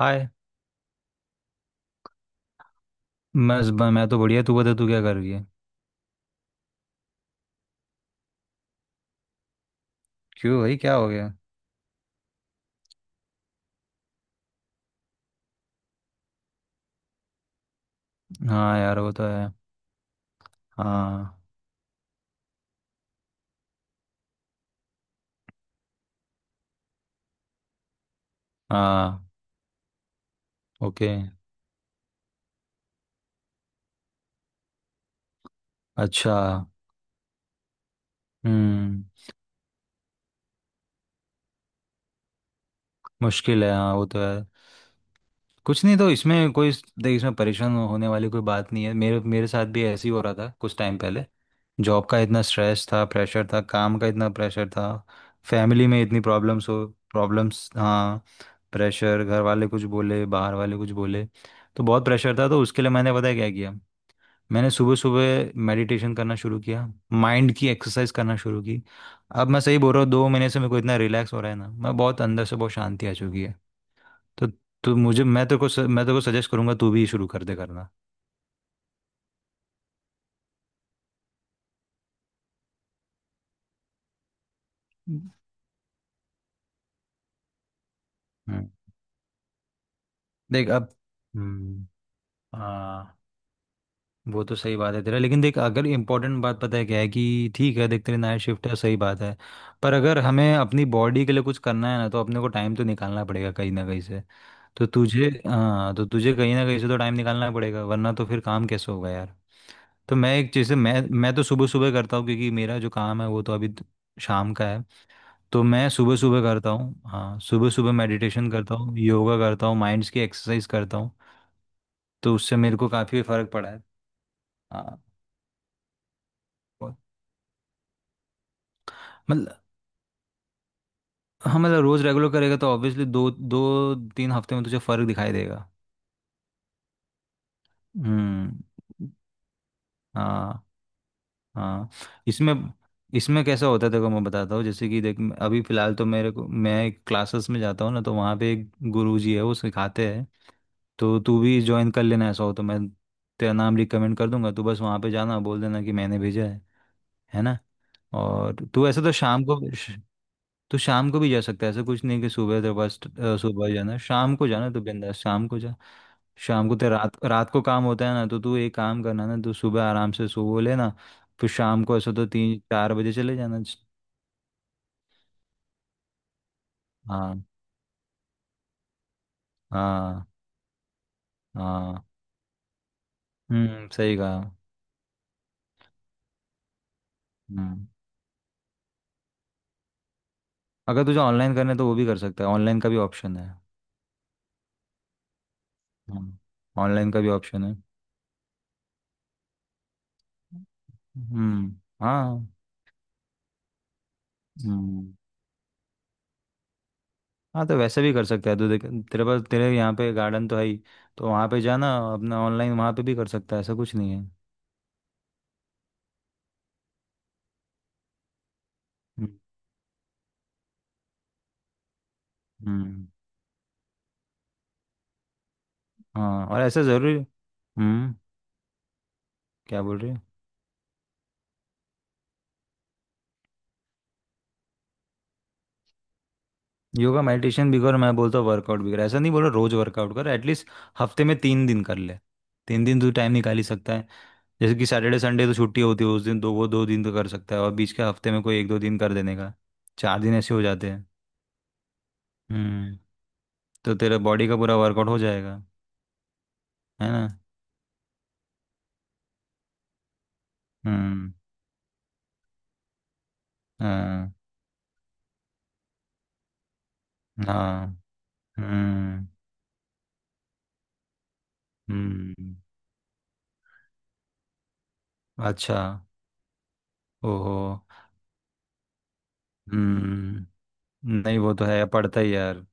हाय। मैं तो बढ़िया, तू बता, तू क्या कर रही है? क्यों भाई, क्या हो गया? हाँ यार, वो तो है। हाँ हाँ। ओके। अच्छा। हम्म। मुश्किल है, हाँ वो तो है। कुछ नहीं, तो इसमें कोई... देख, इसमें परेशान होने वाली कोई बात नहीं है। मेरे मेरे साथ भी ऐसे ही हो रहा था कुछ टाइम पहले। जॉब का इतना स्ट्रेस था, प्रेशर था, काम का इतना प्रेशर था। फैमिली में इतनी प्रॉब्लम्स हो... प्रॉब्लम्स, हाँ। प्रेशर, घर वाले कुछ बोले, बाहर वाले कुछ बोले। तो बहुत प्रेशर था, तो उसके लिए मैंने पता है क्या किया? मैंने सुबह सुबह मेडिटेशन करना शुरू किया, माइंड की एक्सरसाइज करना शुरू की। अब मैं सही बोल रहा हूँ, 2 महीने से मेरे को इतना रिलैक्स हो रहा है ना, मैं बहुत अंदर से, बहुत शांति आ चुकी है। तो तो मुझे मैं तेरे को सजेस्ट करूंगा, तू भी शुरू कर दे करना। हम्म। देख अब... हम्म। हाँ, वो तो सही बात है तेरा, लेकिन देख, अगर इम्पोर्टेंट बात पता है क्या है कि, ठीक है, देख तेरी नाइट शिफ्ट है, सही बात है, पर अगर हमें अपनी बॉडी के लिए कुछ करना है ना, तो अपने को टाइम तो निकालना पड़ेगा कहीं ना कहीं से। तो तुझे... हाँ, तो तुझे कहीं ना कहीं से तो टाइम निकालना पड़ेगा, वरना तो फिर काम कैसे होगा यार। तो मैं एक चीज़ से मैं तो सुबह सुबह करता हूँ, क्योंकि मेरा जो काम है वो तो अभी शाम का है। तो मैं सुबह सुबह करता हूँ, हाँ सुबह सुबह मेडिटेशन करता हूँ, योगा करता हूँ, माइंड्स की एक्सरसाइज करता हूँ। तो उससे मेरे को काफ़ी फ़र्क पड़ा है। हाँ। और- मतलब, हाँ मतलब रोज़ रेगुलर करेगा तो ऑब्वियसली दो दो तीन हफ्ते में तुझे फ़र्क दिखाई देगा। हम्म। हाँ हाँ। इसमें... इसमें कैसा होता है, देखो मैं बताता हूँ। जैसे कि देख, अभी फिलहाल तो मेरे को, मैं एक क्लासेस में जाता हूँ ना, तो वहाँ पे एक गुरु जी है, वो सिखाते हैं। तो तू भी ज्वाइन कर लेना, ऐसा हो तो मैं तेरा नाम रिकमेंड कर दूंगा, तू बस वहाँ पे जाना बोल देना कि मैंने भेजा है ना। और तू ऐसे तो शाम को, तो शाम को भी जा सकता है, ऐसा कुछ नहीं कि सुबह तेरे पास सुबह जाना है। शाम को जाना, तो बिंदास शाम को जा। शाम को तेरा, रात रात को काम होता है ना, तो तू एक काम करना ना, तू सुबह आराम से सो लेना, फिर शाम को ऐसा तो तीन चार बजे चले जाना। हाँ हाँ हाँ। हम्म, सही कहा। हम्म, अगर तुझे ऑनलाइन करना है तो वो भी कर सकता है, ऑनलाइन का भी ऑप्शन है। हम्म। ऑनलाइन का भी ऑप्शन है। हम्म। हाँ। हम्म। हाँ, तो वैसे भी कर सकता है। तो देख, तेरे पास, तेरे यहाँ पे गार्डन तो है ही, तो वहाँ पे जाना, अपना ऑनलाइन वहाँ पे भी कर सकता है, ऐसा कुछ नहीं है। हम्म। हम्म, हाँ। और ऐसा ज़रूरी... हम्म। क्या बोल रही है? योगा मेडिटेशन भी कर, मैं बोलता हूँ वर्कआउट भी कर, ऐसा नहीं बोल रहा रोज़ वर्कआउट कर, एटलीस्ट हफ्ते में 3 दिन कर ले। 3 दिन तू टाइम निकाल ही सकता है। जैसे कि सैटरडे संडे तो छुट्टी होती है, उस दिन दो, वो 2 दिन तो कर सकता है, और बीच के हफ्ते में कोई एक दो दिन कर देने का, 4 दिन ऐसे हो जाते हैं। हम्म। तो तेरा बॉडी का पूरा वर्कआउट हो जाएगा। है ना। हम्म। हाँ हाँ। हम्म। हम्म। अच्छा। ओहो। हम्म। नहीं, वो तो है, पड़ता ही यार।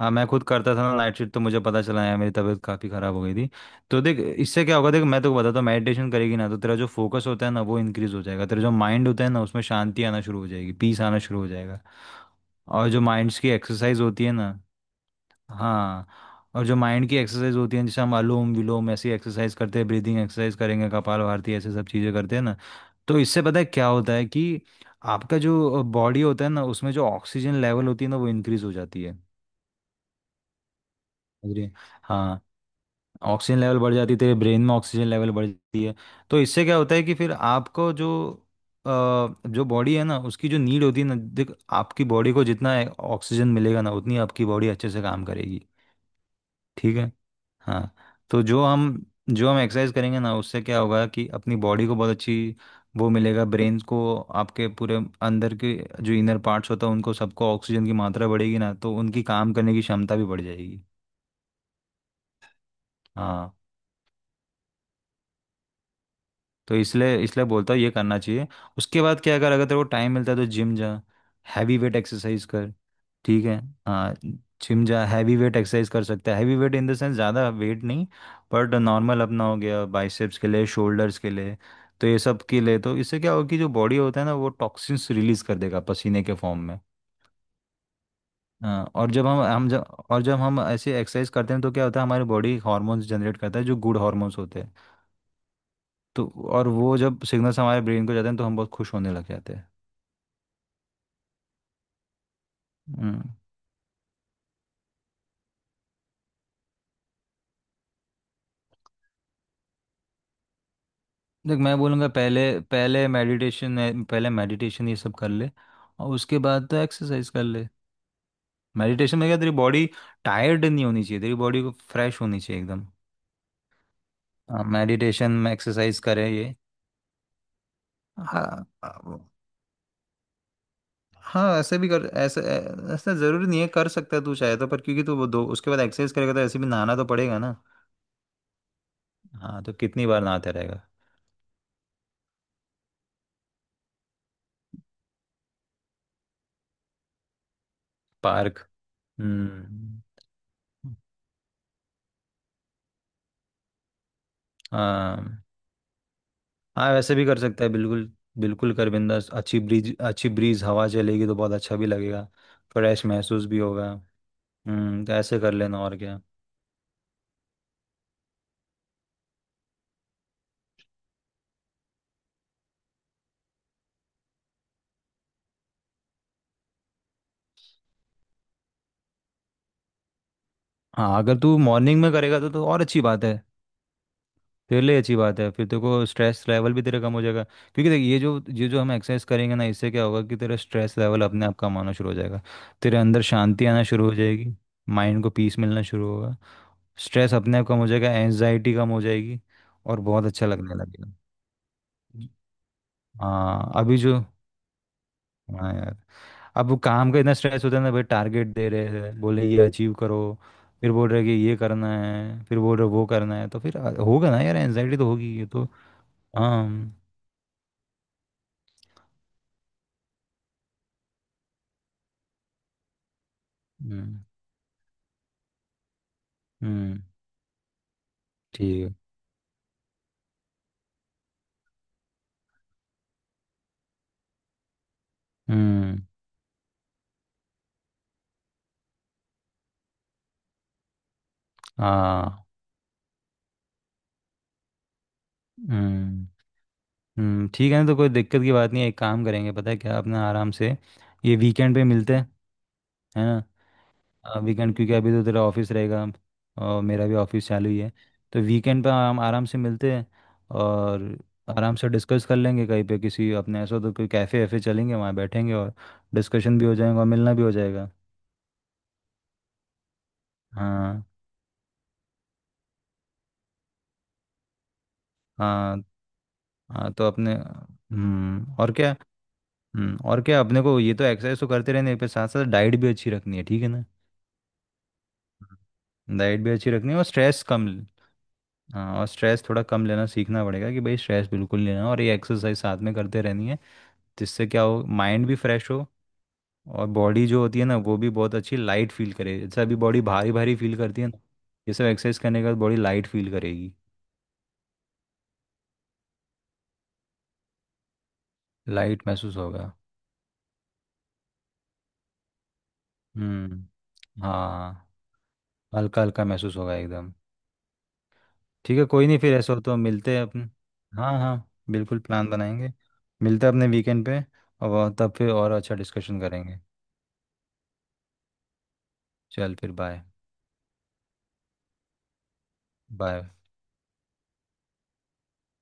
हाँ, मैं खुद करता था ना नाइट शिफ्ट, तो मुझे पता चला यार, मेरी तबीयत काफ़ी ख़राब हो गई थी। तो देख, इससे क्या होगा, देख मैं तो बताता हूँ, मेडिटेशन करेगी ना तो तेरा जो फोकस होता है ना वो इंक्रीज़ हो जाएगा, तेरा जो माइंड होता है ना उसमें शांति आना शुरू हो जाएगी, पीस आना शुरू हो जाएगा। और जो माइंड्स की एक्सरसाइज होती है ना, हाँ और जो माइंड की एक्सरसाइज होती है, जैसे हम अनुलोम विलोम ऐसी एक्सरसाइज करते हैं, ब्रीदिंग एक्सरसाइज करेंगे, कपालभाति ऐसे सब चीज़ें करते हैं ना, तो इससे पता है क्या होता है कि आपका जो बॉडी होता है ना उसमें जो ऑक्सीजन लेवल होती है ना वो इंक्रीज हो जाती है। समझ रही हैं? हाँ। ऑक्सीजन लेवल बढ़ जाती है, तेरे ब्रेन में ऑक्सीजन लेवल बढ़ जाती है। तो इससे क्या होता है कि फिर आपको जो अ, जो बॉडी है ना उसकी जो नीड होती है ना, देख, आपकी बॉडी को जितना ऑक्सीजन मिलेगा ना उतनी आपकी बॉडी अच्छे से काम करेगी। ठीक है। हाँ। तो जो हम, जो हम एक्सरसाइज करेंगे ना उससे क्या होगा कि अपनी बॉडी को बहुत अच्छी, वो मिलेगा ब्रेन को, आपके पूरे अंदर के जो इनर पार्ट्स होता है उनको सबको ऑक्सीजन की मात्रा बढ़ेगी ना, तो उनकी काम करने की क्षमता भी बढ़ जाएगी। हाँ, तो इसलिए, इसलिए बोलता हूँ ये करना चाहिए। उसके बाद क्या कर, अगर तेरे को टाइम मिलता है तो जिम जा, हैवी वेट एक्सरसाइज कर। ठीक है। हाँ, जिम जा हैवी वेट एक्सरसाइज कर सकता है, heavy weight in the sense ज़्यादा वेट नहीं, बट नॉर्मल अपना हो गया बाइसेप्स के लिए, शोल्डर्स के लिए। तो ये सब के लिए, तो इससे क्या होगा कि जो बॉडी होता है ना वो टॉक्सिन्स रिलीज कर देगा पसीने के फॉर्म में। हाँ, और जब हम ऐसे एक्सरसाइज करते हैं तो क्या होता है, हमारी बॉडी हार्मोन्स जनरेट करता है जो गुड हार्मोन्स होते हैं। तो और वो जब सिग्नल्स हमारे ब्रेन को जाते हैं तो हम बहुत खुश होने लग जाते हैं। हम्म। देख मैं बोलूँगा पहले, पहले मेडिटेशन है, पहले मेडिटेशन ये सब कर ले, और उसके बाद तो एक्सरसाइज कर ले। मेडिटेशन में क्या, तेरी बॉडी टायर्ड नहीं होनी चाहिए, तेरी बॉडी को फ्रेश होनी चाहिए एकदम। हाँ, मेडिटेशन में एक्सरसाइज करे ये... हाँ। हाँ। हाँ, ऐसे भी कर, ऐसे ऐसा जरूरी नहीं है, कर सकता है तू चाहे तो, पर क्योंकि तू वो दो उसके बाद एक्सरसाइज करेगा तो ऐसे भी नहाना तो पड़ेगा ना। हाँ, तो कितनी बार नहाते रहेगा। पार्क। हम्म। हाँ। हाँ, वैसे भी कर सकता है बिल्कुल, बिल्कुल कर बिंदास, अच्छी ब्रीज, अच्छी ब्रीज हवा चलेगी तो बहुत अच्छा भी लगेगा, फ्रेश महसूस भी होगा। हम्म, तो ऐसे कर लेना, और क्या। हाँ अगर तू मॉर्निंग में करेगा तो और अच्छी बात है, तेरे लिए अच्छी बात है, फिर तेरे को स्ट्रेस लेवल भी तेरा कम हो जाएगा, क्योंकि देख ये जो हम एक्सरसाइज करेंगे ना इससे क्या होगा कि तेरा स्ट्रेस लेवल अपने आप कम आना शुरू हो जाएगा, तेरे अंदर शांति आना शुरू हो जाएगी, माइंड को पीस मिलना शुरू होगा, स्ट्रेस अपने आप कम हो जाएगा, एंजाइटी कम हो जाएगी और बहुत अच्छा लगने लगेगा। हाँ अभी जो... हाँ यार, अब वो काम का इतना स्ट्रेस होता है ना भाई, टारगेट दे रहे हैं, बोले ये अचीव करो, फिर बोल रहे हैं कि ये करना है, फिर बोल रहे हैं वो करना है, तो फिर होगा ना यार, एनजाइटी तो होगी ये तो। हाँ। हम्म। हम्म। ठीक है। हम्म। हाँ। हम्म। हम्म, ठीक है ना, तो कोई दिक्कत की बात नहीं है, एक काम करेंगे पता है क्या, अपना आराम से ये वीकेंड पे मिलते हैं। है ना। हाँ वीकेंड, क्योंकि अभी तो तेरा ऑफिस रहेगा और मेरा भी ऑफिस चालू ही है, तो वीकेंड पे हम आराम से मिलते हैं और आराम से डिस्कस कर लेंगे कहीं पे, किसी अपने ऐसा तो कोई कैफ़े वैफे चलेंगे, वहाँ बैठेंगे और डिस्कशन भी हो जाएगा और मिलना भी हो जाएगा। हाँ हाँ हाँ। तो अपने, हम्म, और क्या। हम्म, और क्या, अपने को ये तो एक्सरसाइज तो करते रहने पे साथ साथ डाइट भी अच्छी रखनी है, ठीक है ना। डाइट भी अच्छी रखनी है और स्ट्रेस कम। हाँ, और स्ट्रेस थोड़ा कम लेना सीखना पड़ेगा कि भाई स्ट्रेस बिल्कुल नहीं लेना, और ये एक्सरसाइज साथ में करते रहनी है, जिससे क्या हो माइंड भी फ्रेश हो और बॉडी जो होती है ना वो भी बहुत अच्छी लाइट फील करे, जैसे अभी बॉडी भारी भारी फील करती है ना, ये सब एक्सरसाइज करने के बाद बॉडी लाइट फील करेगी, लाइट महसूस होगा। हम्म। हाँ, हल्का हल्का महसूस होगा एकदम। ठीक है, कोई नहीं, फिर ऐसा हो तो मिलते हैं अपन, हाँ हाँ बिल्कुल प्लान बनाएंगे, मिलते हैं अपने वीकेंड पे और तब फिर और अच्छा डिस्कशन करेंगे। चल फिर बाय। बाय।